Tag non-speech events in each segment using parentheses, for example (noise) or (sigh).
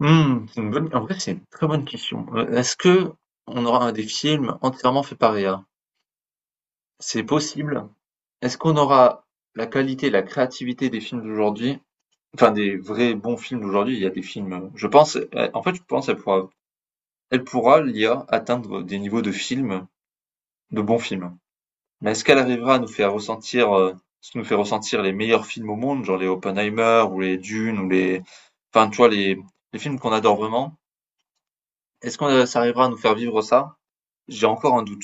Mmh, c'est une bonne en vrai, c'est une très bonne question. Est-ce que on aura des films entièrement faits par IA? C'est possible. Est-ce qu'on aura la qualité, la créativité des films d'aujourd'hui? Enfin, des vrais bons films d'aujourd'hui, il y a des films, je pense, en fait, je pense qu'elle pourra l'IA, atteindre des niveaux de films, de bons films. Mais est-ce qu'elle arrivera à nous faire ressentir, les meilleurs films au monde, genre les Oppenheimer ou les Dune ou les enfin, tu vois, les films qu'on adore vraiment? Est-ce qu'on, ça arrivera à nous faire vivre ça? J'ai encore un doute.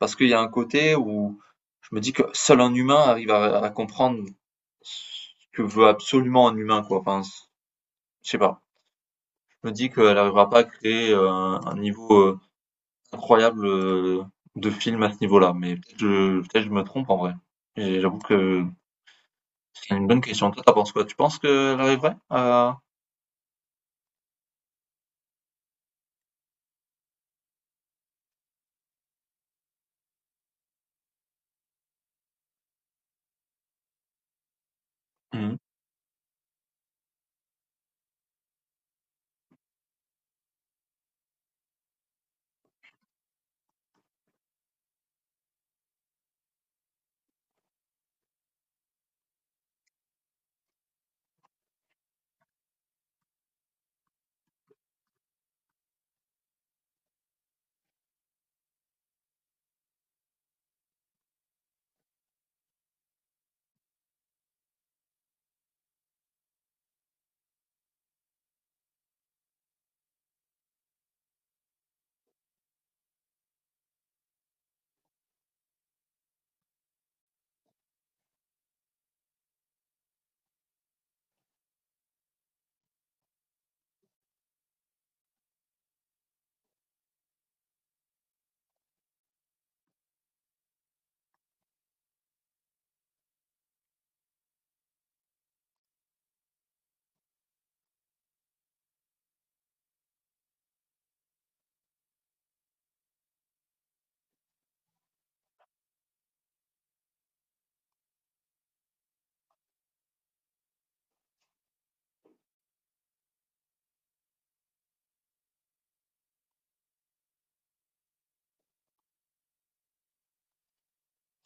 Parce qu'il y a un côté où je me dis que seul un humain arrive à comprendre ce que veut absolument un humain, quoi. Enfin, je sais pas. Je me dis qu'elle n'arrivera pas à créer un niveau incroyable de film à ce niveau-là. Mais peut-être que je me trompe en vrai. Et j'avoue que c'est une bonne question. Toi, t'en penses quoi? Tu penses qu'elle arriverait à... Mhm.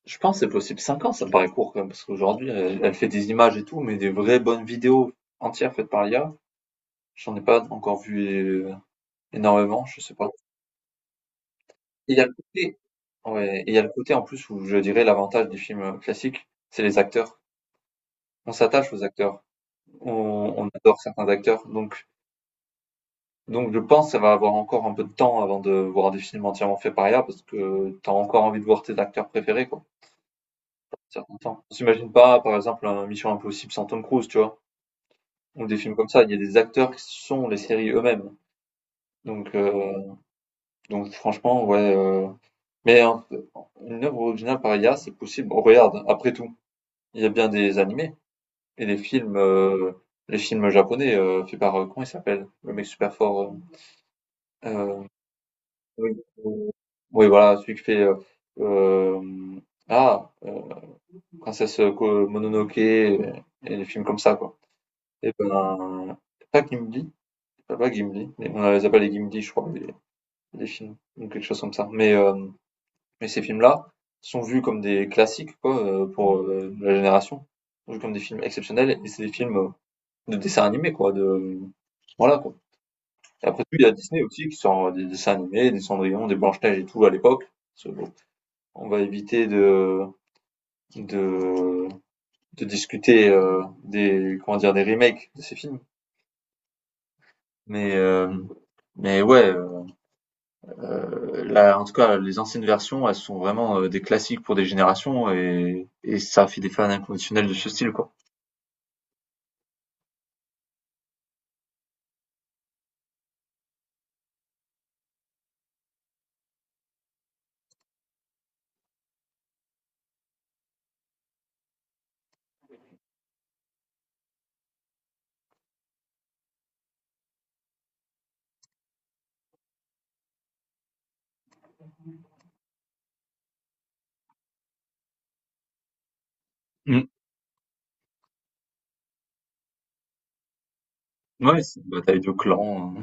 Je pense que c'est possible. 5 ans, ça me paraît court quand même, parce qu'aujourd'hui, elle fait des images et tout, mais des vraies bonnes vidéos entières faites par l'IA, j'en ai pas encore vu énormément, je sais pas. Et Il y a le côté ouais, et il y a le côté en plus où je dirais l'avantage des films, classiques, c'est les acteurs. On s'attache aux acteurs, on adore certains acteurs, donc je pense que ça va avoir encore un peu de temps avant de voir des films entièrement faits par IA parce que t'as encore envie de voir tes acteurs préférés, quoi, un certain temps. On s'imagine pas, par exemple, un Mission Impossible sans Tom Cruise, tu vois? Ou des films comme ça, il y a des acteurs qui sont les séries eux-mêmes, donc heu, donc franchement, ouais, mais un une œuvre originale par IA, c'est possible. Regarde, après tout, il y a bien des animés et les films japonais, faits par, comment il s'appelle? Le mec super fort, heu, oui, heu, oui voilà, celui qui fait, hem, ah, heu, Princesse, Ko Mononoke et les films comme ça quoi. Et ben, pas Gimli, pas Gimli, mais on les appelle les Gimli je crois les films ou quelque chose comme ça. Mais ces films-là sont vus comme des classiques quoi, pour, la génération, sont vus comme des films exceptionnels et c'est des films, de dessins animés quoi, de voilà quoi. Et après tout, il y a Disney aussi qui sort des dessins animés, des Cendrillon, des Blanche-Neige et tout à l'époque. Parce que, bon, on va éviter de de, discuter des comment dire des remakes de ces films. Mais euh, mais ouais, là en tout cas les anciennes versions, elles sont vraiment des classiques pour des générations et ça fait des fans inconditionnels de ce style quoi. Mm. Ouais, c'est une bataille de clans.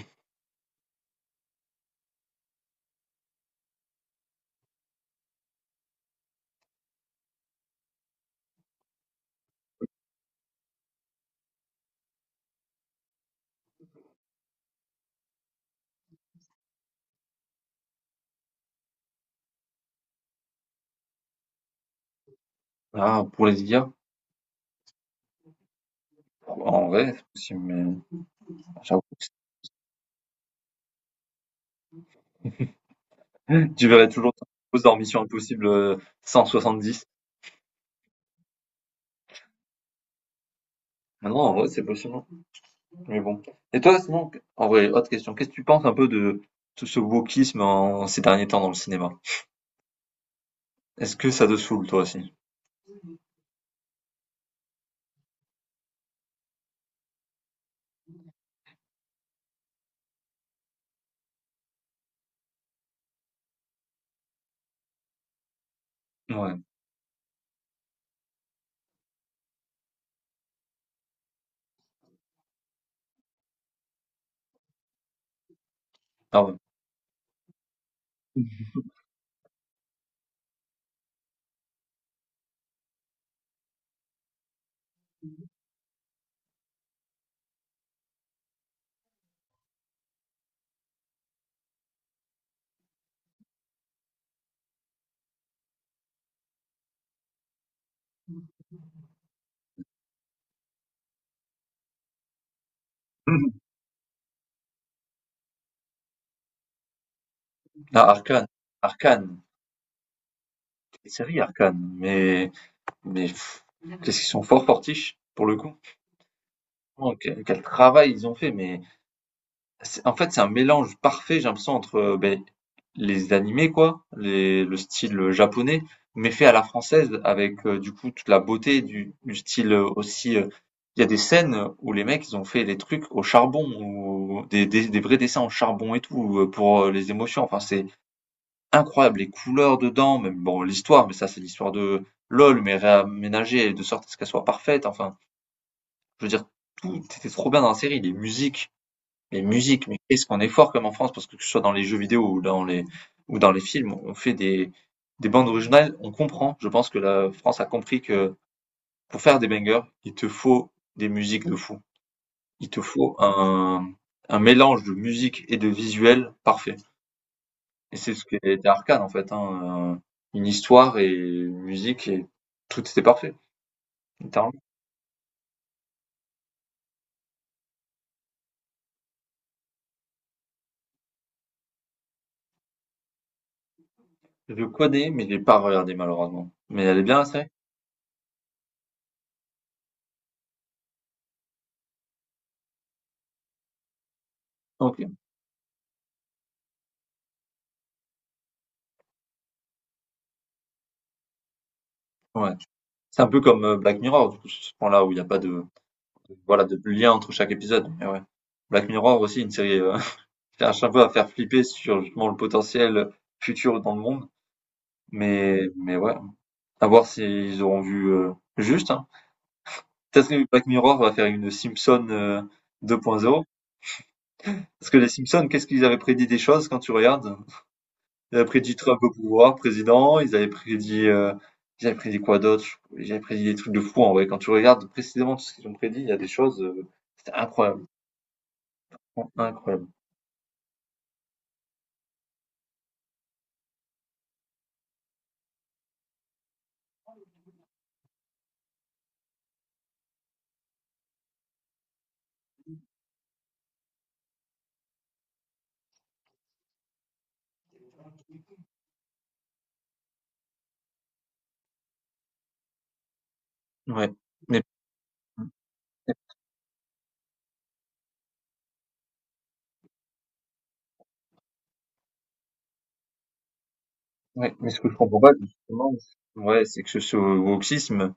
Ah, pour les IA, en vrai, c'est possible, mais j'avoue. Tu verrais toujours Tom Cruise dans Mission Impossible 170. Maintenant, en vrai, c'est possible. Hein. Mais bon. Et toi, sinon, en vrai, autre question. Qu'est-ce que tu penses un peu de tout ce wokisme en ces derniers temps dans le cinéma? Est-ce que ça te saoule, toi aussi? Ouais. Ah ouais. (laughs) Ah, Arcane. Arcane. Quelle série, Arcane. Mais, pff, qu'est-ce qu'ils sont fortiches, pour le coup. Oh, quel travail ils ont fait, mais. En fait, c'est un mélange parfait, j'ai l'impression, entre ben, les animés, quoi, le style japonais, mais fait à la française, avec du coup toute la beauté du, style aussi. Il y a des scènes où les mecs, ils ont fait des trucs au charbon, ou des vrais dessins au charbon et tout, pour les émotions. Enfin, c'est incroyable, les couleurs dedans, même bon, l'histoire, mais ça, c'est l'histoire de LOL, mais réaménagée de sorte à ce qu'elle soit parfaite. Enfin, je veux dire, tout était trop bien dans la série, les musiques. Les musiques, mais qu'est-ce qu'on est fort comme en France, parce que ce soit dans les jeux vidéo ou dans les films, on fait des bandes originales, on comprend. Je pense que la France a compris que pour faire des bangers, il te faut des musiques de fou. Il te faut un mélange de musique et de visuel parfait. Et c'est ce qui était Arcane en fait, hein, une histoire et une musique et tout était parfait, littéralement. Je connais, mais je l'ai pas regardé malheureusement. Mais elle est bien la série? OK, ouais. C'est un peu comme, Black Mirror du coup sur ce point-là où il y a pas de voilà, de lien entre chaque épisode. Mais ouais. Black Mirror aussi, une série (laughs) qui cherche un peu à faire flipper sur justement le potentiel futur dans le monde. Mais ouais, à voir s'ils auront vu juste. Hein. Peut-être que Black Mirror va faire une Simpson 2.0. Parce que les Simpsons, qu'est-ce qu'ils avaient prédit des choses quand tu regardes? Ils avaient prédit Trump au pouvoir, président, ils avaient prédit quoi d'autre? Ils avaient prédit des trucs de fou en vrai. Quand tu regardes précisément tout ce qu'ils ont prédit, il y a des choses, c'était incroyable. Incroyable. Ouais. Mais Mmh. Ouais, mais ce que je comprends pas justement, c'est ouais, c'est que ce wokisme,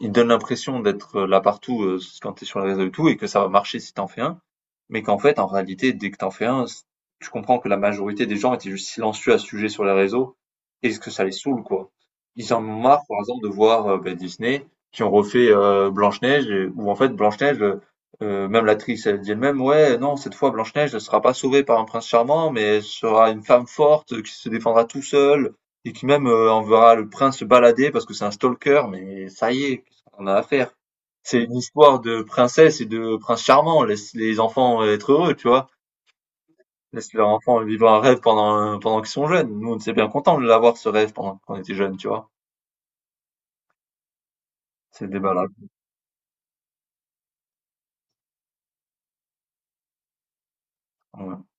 il donne l'impression d'être, là partout, quand t'es sur les réseaux et tout et que ça va marcher si t'en fais un. Mais qu'en fait, en réalité, dès que t'en fais un, tu comprends que la majorité des gens étaient juste silencieux à ce sujet sur les réseaux et ce que ça les saoule, quoi. Ils en ont marre, par exemple, de voir bah, Disney qui ont refait Blanche-Neige, où en fait, Blanche-Neige, même l'actrice, elle dit elle-même, ouais, non, cette fois, Blanche-Neige ne sera pas sauvée par un prince charmant, mais elle sera une femme forte qui se défendra tout seule et qui même enverra le prince se balader parce que c'est un stalker, mais ça y est, qu'est-ce qu'on a à faire? C'est une histoire de princesse et de prince charmant. Laisse les enfants être heureux, tu vois? Laisse leurs enfants vivre un rêve pendant qu'ils sont jeunes. Nous, on était bien contents de l'avoir, ce rêve, pendant qu'on était jeunes, tu vois? C'est le débat là. Ouais.